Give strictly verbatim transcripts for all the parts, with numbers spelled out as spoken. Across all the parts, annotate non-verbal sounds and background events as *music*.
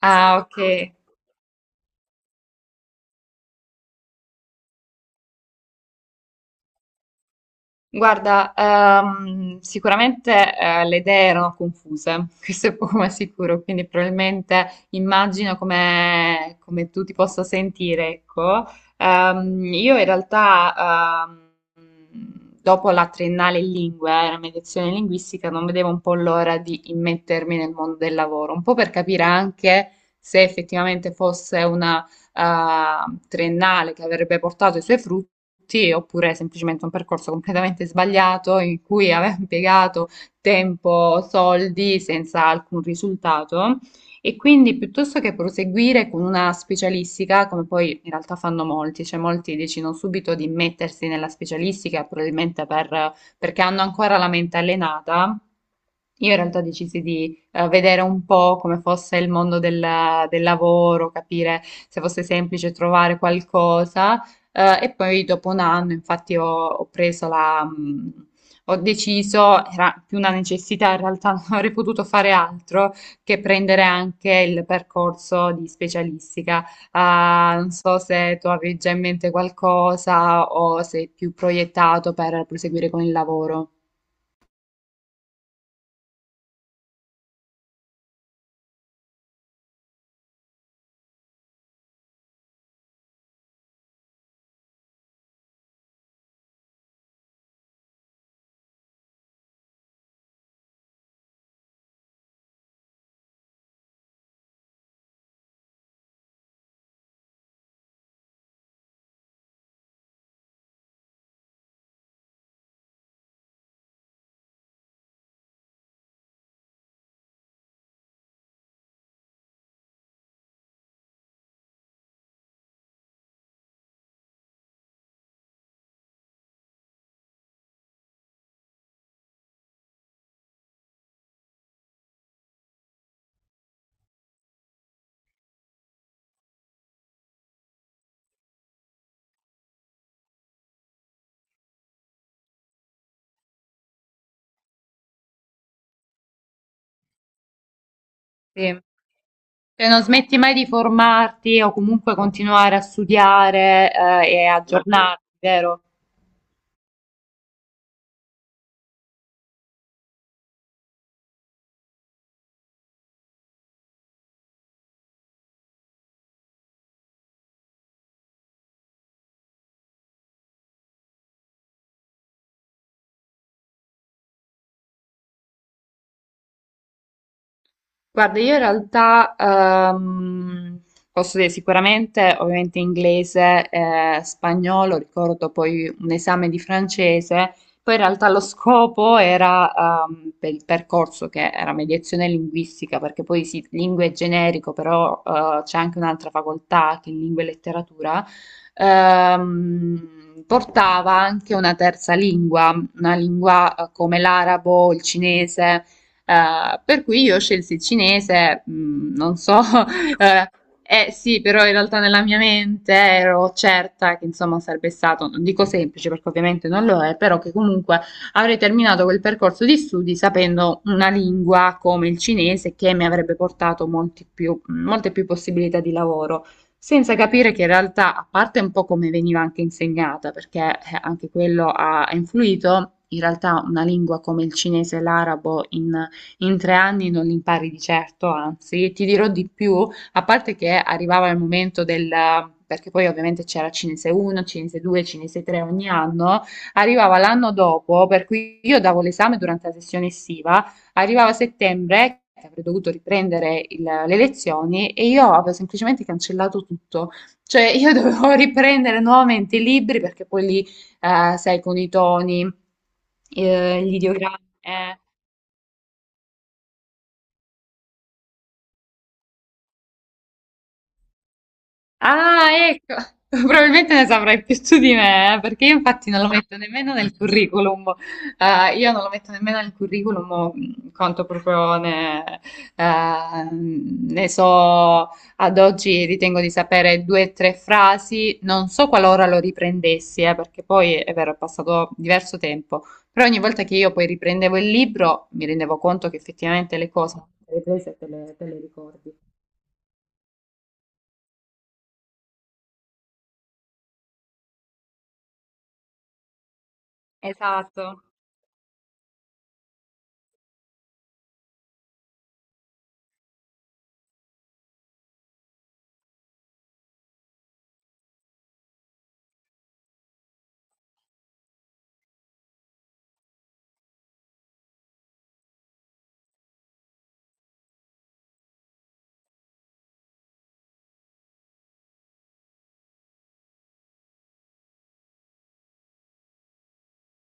Ah, ok. Guarda, ehm, sicuramente eh, le idee erano confuse, *laughs* questo è poco ma sicuro, quindi probabilmente immagino come, come tu ti possa sentire, ecco. Ehm, io in realtà, ehm, Dopo la triennale in lingue, eh, la mediazione linguistica, non vedevo un po' l'ora di immettermi nel mondo del lavoro, un po' per capire anche se effettivamente fosse eh, triennale che avrebbe portato i suoi frutti, oppure semplicemente un percorso completamente sbagliato in cui aveva *laughs* impiegato tempo, soldi senza alcun risultato. E quindi piuttosto che proseguire con una specialistica, come poi in realtà fanno molti, cioè molti decidono subito di mettersi nella specialistica, probabilmente per- perché hanno ancora la mente allenata, io in realtà decisi di eh, vedere un po' come fosse il mondo del, del lavoro, capire se fosse semplice trovare qualcosa. Eh, e poi dopo un anno, infatti, ho, ho preso la... mh, ho deciso, era più una necessità, in realtà non avrei potuto fare altro che prendere anche il percorso di specialistica. Ah, non so se tu avevi già in mente qualcosa o sei più proiettato per proseguire con il lavoro. Sì. Cioè non smetti mai di formarti o comunque continuare a studiare, eh, e Certo. aggiornarti, vero? Guarda, io in realtà ehm, posso dire sicuramente, ovviamente inglese e spagnolo, ricordo poi un esame di francese, poi in realtà lo scopo era ehm, per il percorso che era mediazione linguistica, perché poi sì, lingue è generico, però eh, c'è anche un'altra facoltà che è lingua e letteratura, ehm, portava anche una terza lingua, una lingua eh, come l'arabo, il cinese. Eh, per cui io scelsi il cinese, mh, non so, *laughs* eh, eh, sì, però in realtà nella mia mente ero certa che insomma sarebbe stato, non dico semplice perché ovviamente non lo è, però che comunque avrei terminato quel percorso di studi sapendo una lingua come il cinese che mi avrebbe portato molti più- molte più possibilità di lavoro. Senza capire che in realtà, a parte un po' come veniva anche insegnata, perché eh, anche quello ha ha influito, in realtà una lingua come il cinese e l'arabo in in tre anni non impari di certo, anzi, ti dirò di più, a parte che arrivava il momento del... perché poi ovviamente c'era Cinese uno, Cinese due, Cinese tre ogni anno, arrivava l'anno dopo, per cui io davo l'esame durante la sessione estiva, arrivava settembre, che avrei dovuto riprendere il- le lezioni, e io avevo semplicemente cancellato tutto, cioè io *laughs* dovevo riprendere nuovamente i libri perché poi lì, eh, sai, con i toni eh, gli ideogrammi. eh, Ah, ecco, *laughs* probabilmente ne saprai più tu di me, eh, perché io infatti non lo metto nemmeno nel curriculum. Eh, io non lo metto nemmeno nel curriculum mh, quanto proprio ne, eh, ne so, ad oggi ritengo di sapere due o tre frasi, non so qualora lo riprendessi, eh, perché poi è vero, è passato diverso tempo, però ogni volta che io poi riprendevo il libro mi rendevo conto che effettivamente le cose le hai prese e te le te le ricordi. Esatto.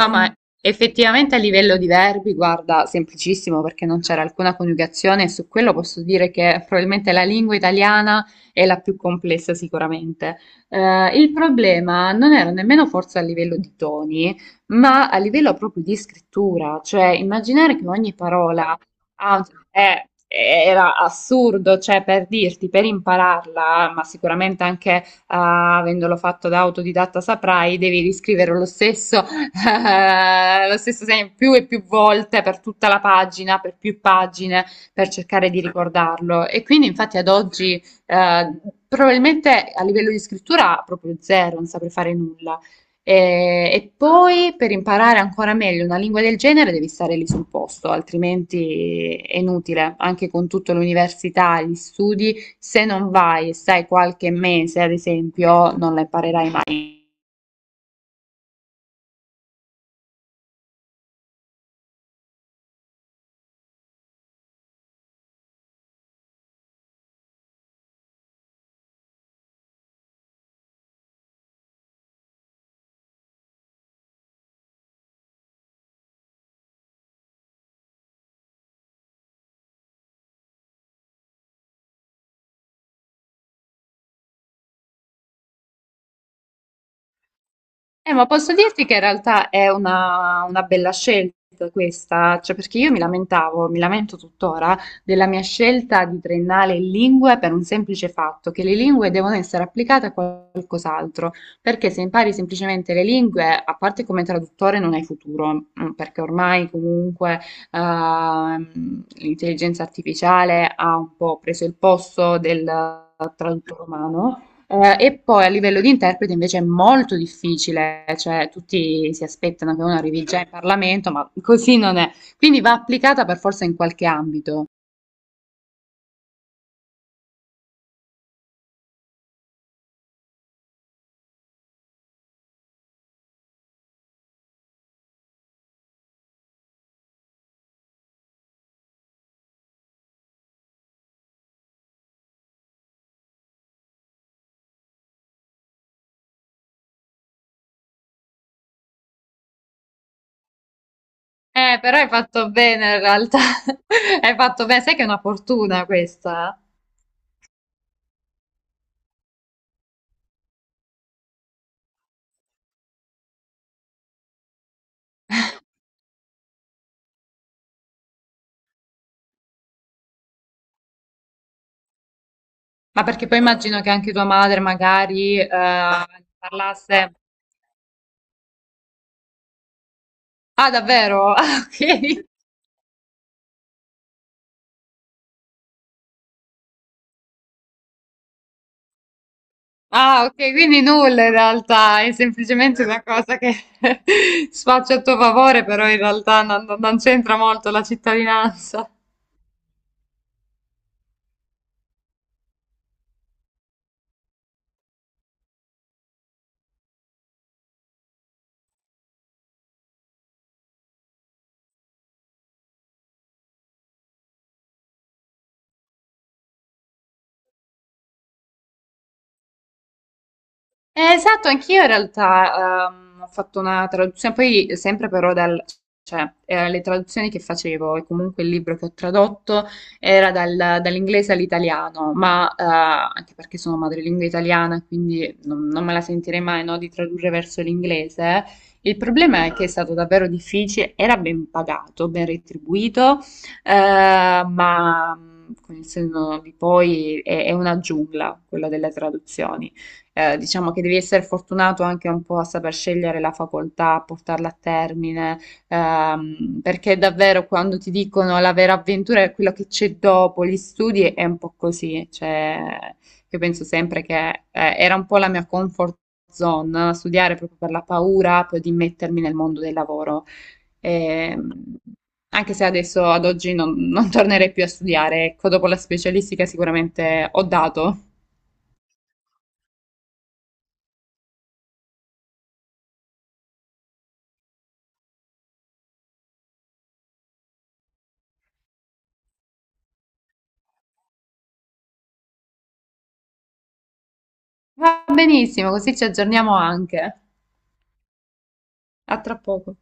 No, ma effettivamente a livello di verbi, guarda, semplicissimo perché non c'era alcuna coniugazione e su quello posso dire che probabilmente la lingua italiana è la più complessa sicuramente. Eh, il problema non era nemmeno forse a livello di toni, ma a livello proprio di scrittura, cioè immaginare che ogni parola ha- è- era assurdo, cioè per dirti, per impararla, ma sicuramente anche eh, avendolo fatto da autodidatta saprai, devi riscrivere lo stesso eh, lo stesso segno più e più volte per tutta la pagina, per più pagine, per cercare di ricordarlo. E quindi infatti ad oggi eh, probabilmente a livello di scrittura proprio zero, non saprei fare nulla. E, e poi per imparare ancora meglio una lingua del genere devi stare lì sul posto, altrimenti è inutile, anche con tutta l'università, gli studi, se non vai e stai qualche mese, ad esempio, non la imparerai mai. Eh, ma posso dirti che in realtà è una, una bella scelta questa, cioè perché io mi lamentavo, mi lamento tuttora della mia scelta di triennale in lingue per un semplice fatto, che le lingue devono essere applicate a qualcos'altro, perché se impari semplicemente le lingue, a parte come traduttore non hai futuro, mm, perché ormai comunque ehm, l'intelligenza artificiale ha un po' preso il posto del traduttore umano. Eh, e poi a livello di interprete invece è molto difficile, cioè tutti si aspettano che uno arrivi già in Parlamento, ma così non è. Quindi va applicata per forza in qualche ambito. Eh, però hai fatto bene in realtà. *laughs* Hai fatto bene, sai che è una fortuna questa? Ma perché poi immagino che anche tua madre magari eh, parlasse... Ah, davvero? *laughs* Ah, ok. Ah, ok, quindi nulla in realtà, è semplicemente una cosa che *laughs* sfaccio a tuo favore, però in realtà non, non- non c'entra molto la cittadinanza. Eh, esatto, anch'io in realtà ehm, ho fatto una traduzione, poi sempre però dal, cioè, eh, le traduzioni che facevo e comunque il libro che ho tradotto era dal- dall'inglese all'italiano, ma eh, anche perché sono madrelingua italiana, quindi non, non me la sentirei mai, no, di tradurre verso l'inglese. Il problema è che è Mm. stato davvero difficile, era ben pagato, ben retribuito, eh, ma mm, con il senno di poi è è una giungla quella delle traduzioni, eh, diciamo che devi essere fortunato anche un po' a saper scegliere la facoltà, a portarla a termine, ehm, perché davvero quando ti dicono la vera avventura è quello che c'è dopo gli studi, è un po' così, cioè io penso sempre che eh, era un po' la mia comfort zone, no, studiare proprio per la paura poi di mettermi nel mondo del lavoro. Ehm, Anche se adesso ad oggi non, non tornerei più a studiare, ecco, dopo la specialistica sicuramente ho dato. Va benissimo, così ci aggiorniamo anche. A tra poco.